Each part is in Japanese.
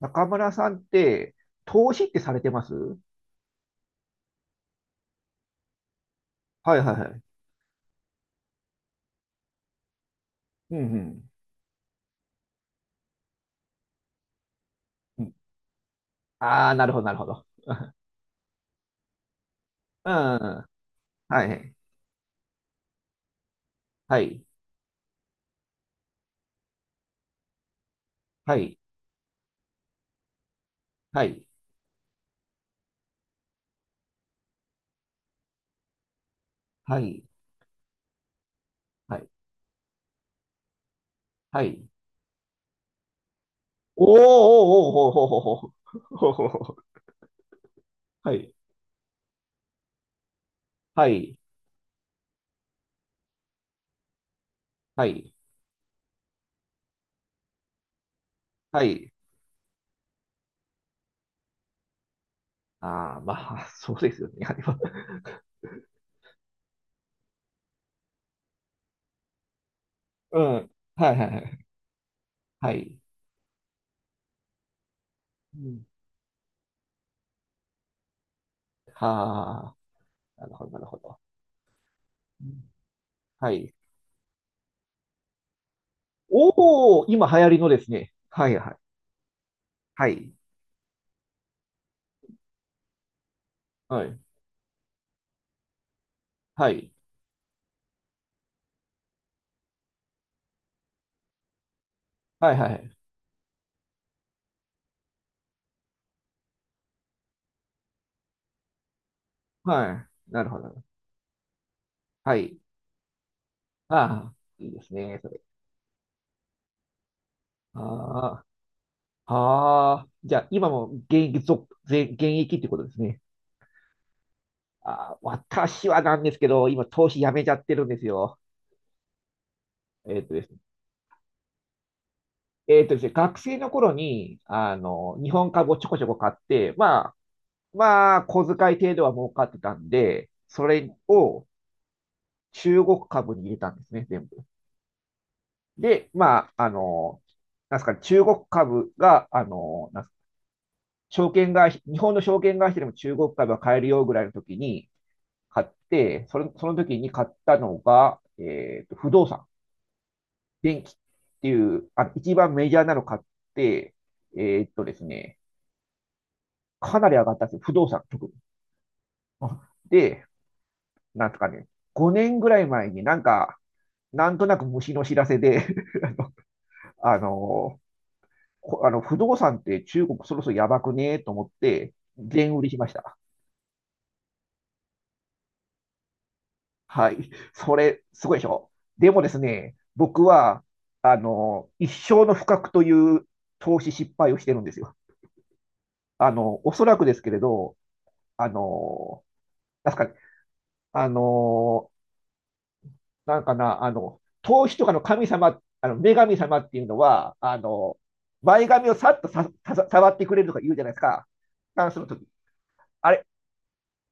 中村さんって、投資ってされてます。はいはいはい。うんうん。うん。ああー、なるほど、なるほど。うん、はい、はい、はい、はい、はい、はい、はい。おーおーおーほほほほほほ、はい、はい、はい、はい。ああ、まあ、そうですよね。あれは、うん、はい、はいはい、はい。うん、はあ、なるほど、なるほど。うん、はい。おお、今流行りのですね。はい、はい、はい、はい。はい。はいはい。はい。なるほど。はい。ああ、いいですね、それ。ああ、ああ、じゃあ、今も現役ってことですね。ああ、私はなんですけど、今、投資やめちゃってるんですよ。えっとですね。えっとですね、学生の頃に、日本株をちょこちょこ買って、まあ、小遣い程度は儲かってたんで、それを中国株に入れたんですね、全部。で、まあ、なんですかね、中国株が、なんですかね、証券会社、日本の証券会社でも中国株は買えるよぐらいの時に買って、その時に買ったのが、不動産、電気っていう、一番メジャーなの買って、えっとですね、かなり上がったんですよ。不動産、特に。で、なんとかね、5年ぐらい前になんか、なんとなく虫の知らせで あの、あの不動産って中国そろそろやばくねと思って、全売りしました。はい。それ、すごいでしょ。でもですね、僕は、一生の不覚という投資失敗をしてるんですよ。おそらくですけれど、あの、確かに、あの、なんかな、投資とかの神様、女神様っていうのは、前髪をさっと触ってくれるとか言うじゃないですか。ダンスの時。あれ、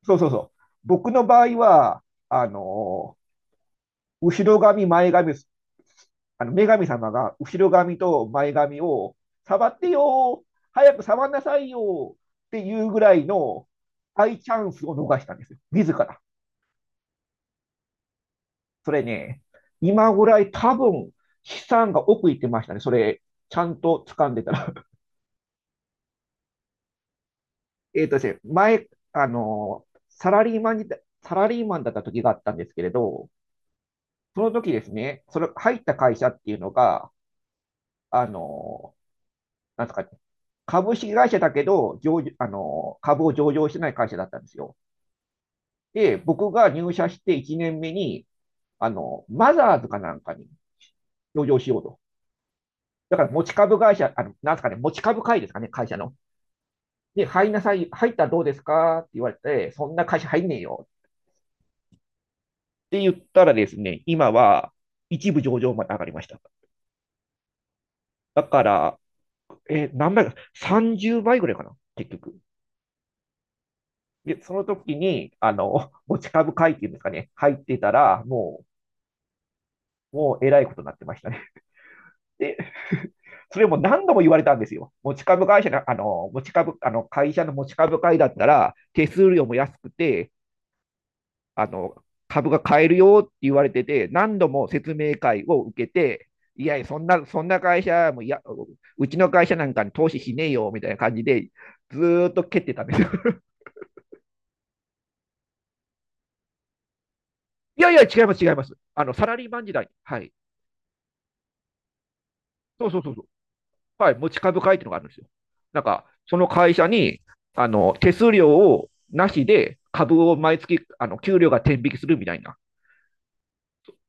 そうそうそう。僕の場合は、あの後ろ髪、前髪、あの女神様が後ろ髪と前髪を触ってよ、早く触んなさいよっていうぐらいの大チャンスを逃したんですよ、自ら。それね、今ぐらい多分、資産が奥行ってましたね、それ、ちゃんと掴んでたら。えっとですね、あのサラリーマンサラリーマンだった時があったんですけれど、その時ですね、それ入った会社っていうのが、あのなんですかね、株式会社だけど、上場あの、株を上場してない会社だったんですよ。で、僕が入社して1年目に、マザーズかなんかに上場しようと。だから持ち株会社、なんですかね、持ち株会ですかね、会社の。で、入りなさい、入ったらどうですかって言われて、そんな会社入んねえよって言ったらですね、今は一部上場まで上がりました。だから、何倍か、30倍ぐらいかな、結局。で、その時に、持ち株会っていうんですかね、入ってたら、もうえらいことになってましたね。で、それも何度も言われたんですよ。持ち株会社の、持ち株、会社の持ち株会だったら、手数料も安くて、あの、株が買えるよって言われてて、何度も説明会を受けて、いやいや、そんな会社もいや、うちの会社なんかに投資しねえよみたいな感じで、ずーっと蹴ってたんですよ。いやいや、違います、違います。サラリーマン時代。はい。そうそうそう。はい、持ち株会っていうのがあるんですよ。なんか、その会社に、手数料をなしで株を毎月、給料が転引きするみたいな。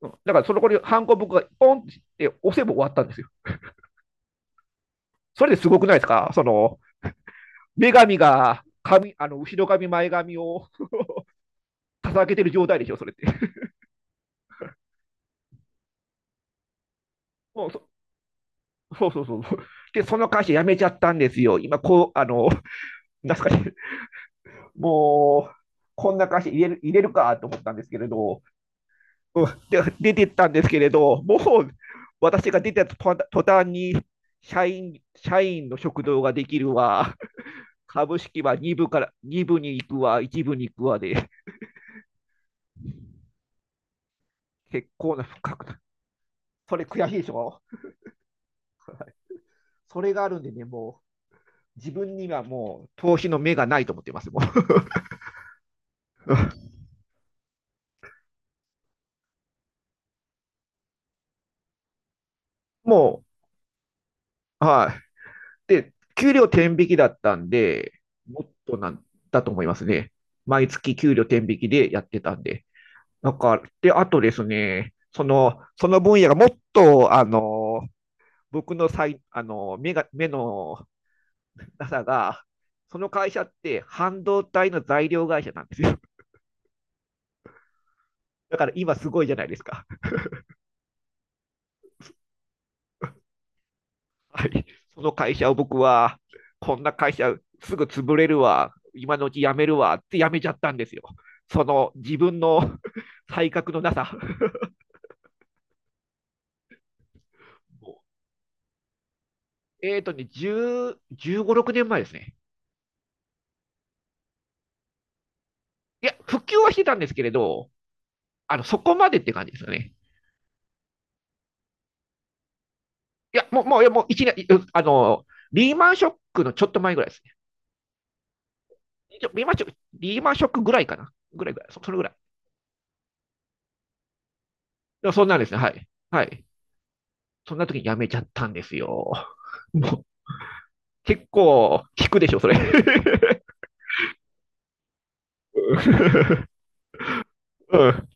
うん、だから、そのこに、ハンコ僕がポンって押せば終わったんですよ。それですごくないですか、女神が、髪、あの、後ろ髪、前髪を掲げてる状態でしょ、それって。もうそうそうそう。で、その会社辞めちゃったんですよ。今、こう、なんすかね、もう、こんな会社入れるかと思ったんですけれど、うん、で出てったんですけれど、もう私が出てた途端に社員の食堂ができるわ、株式は2部から2部に行くわ、1部に行くわで、結構な深く、それ悔しいでしょ、それがあるんでね、もう自分にはもう投資の目がないと思ってます、もう。もう、はい、で、給料天引きだったんで、もっとなんだと思いますね。毎月給料天引きでやってたんで。なんか、で、あとですね、その分野がもっと、僕のさい、目のなさが、その会社って半導体の材料会社なんですよ。だから今すごいじゃないですか。はい。その会社を僕は、こんな会社すぐ潰れるわ、今のうち辞めるわって辞めちゃったんですよ。その自分の 才覚のなさ。10、15、6年前ですね。いや、復旧はしてたんですけれど、そこまでって感じですよね。いや、もう一年、あの、リーマンショックのちょっと前ぐらいですね。リーマンショックぐらいかな。ぐらいぐらい。それぐらい。でもそんなんですね。はい。はい。そんな時に辞めちゃったんですよ。もう、結構、聞くでしょ、それ。うん。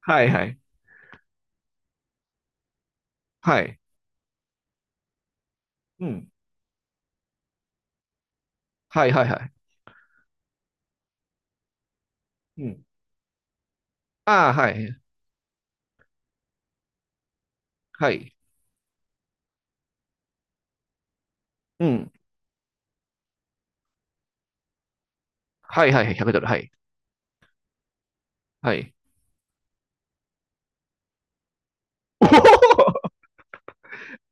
はいはい。はい。うん。はいはいはい。うん。ああ、はい。はい。うん。はいはいはい。100ドル。はい。はい。おお。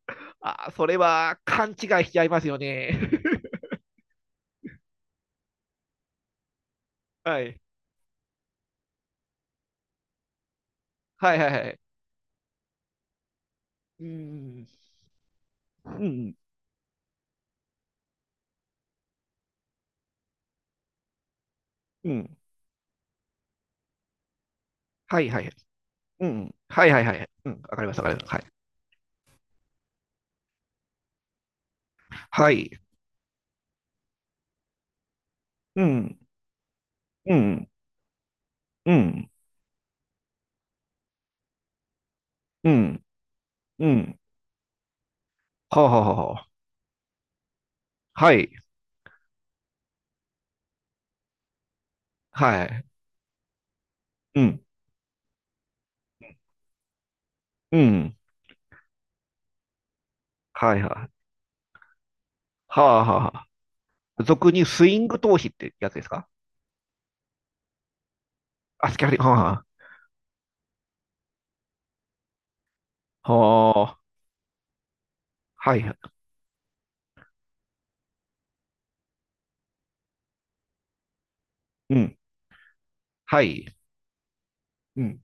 ああ、それは勘違いしちゃいますよね。はい。はいはいはい。うん。うん。うん。はいはい。うん。はいはいはい。うん。わかります、わかります。はい。はい。うん。うん。うん。うん。うん。はあはあはあ。はい。はい。うん。うん。はいはい。はあはあはあ。俗にスイング投資ってやつですか？あ、スキャリ、はあはあ。ははいはい。うん。はい。うん。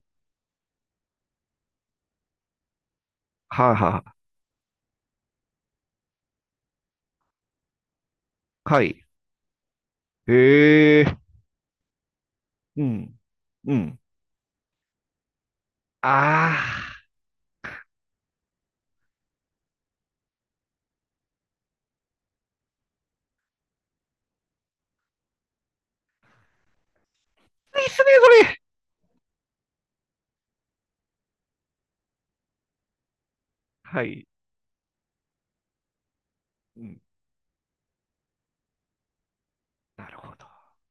はあはあ。はい。へえ。うん。うん。ああ。いいっすね、それ。はい。うん、なるほど。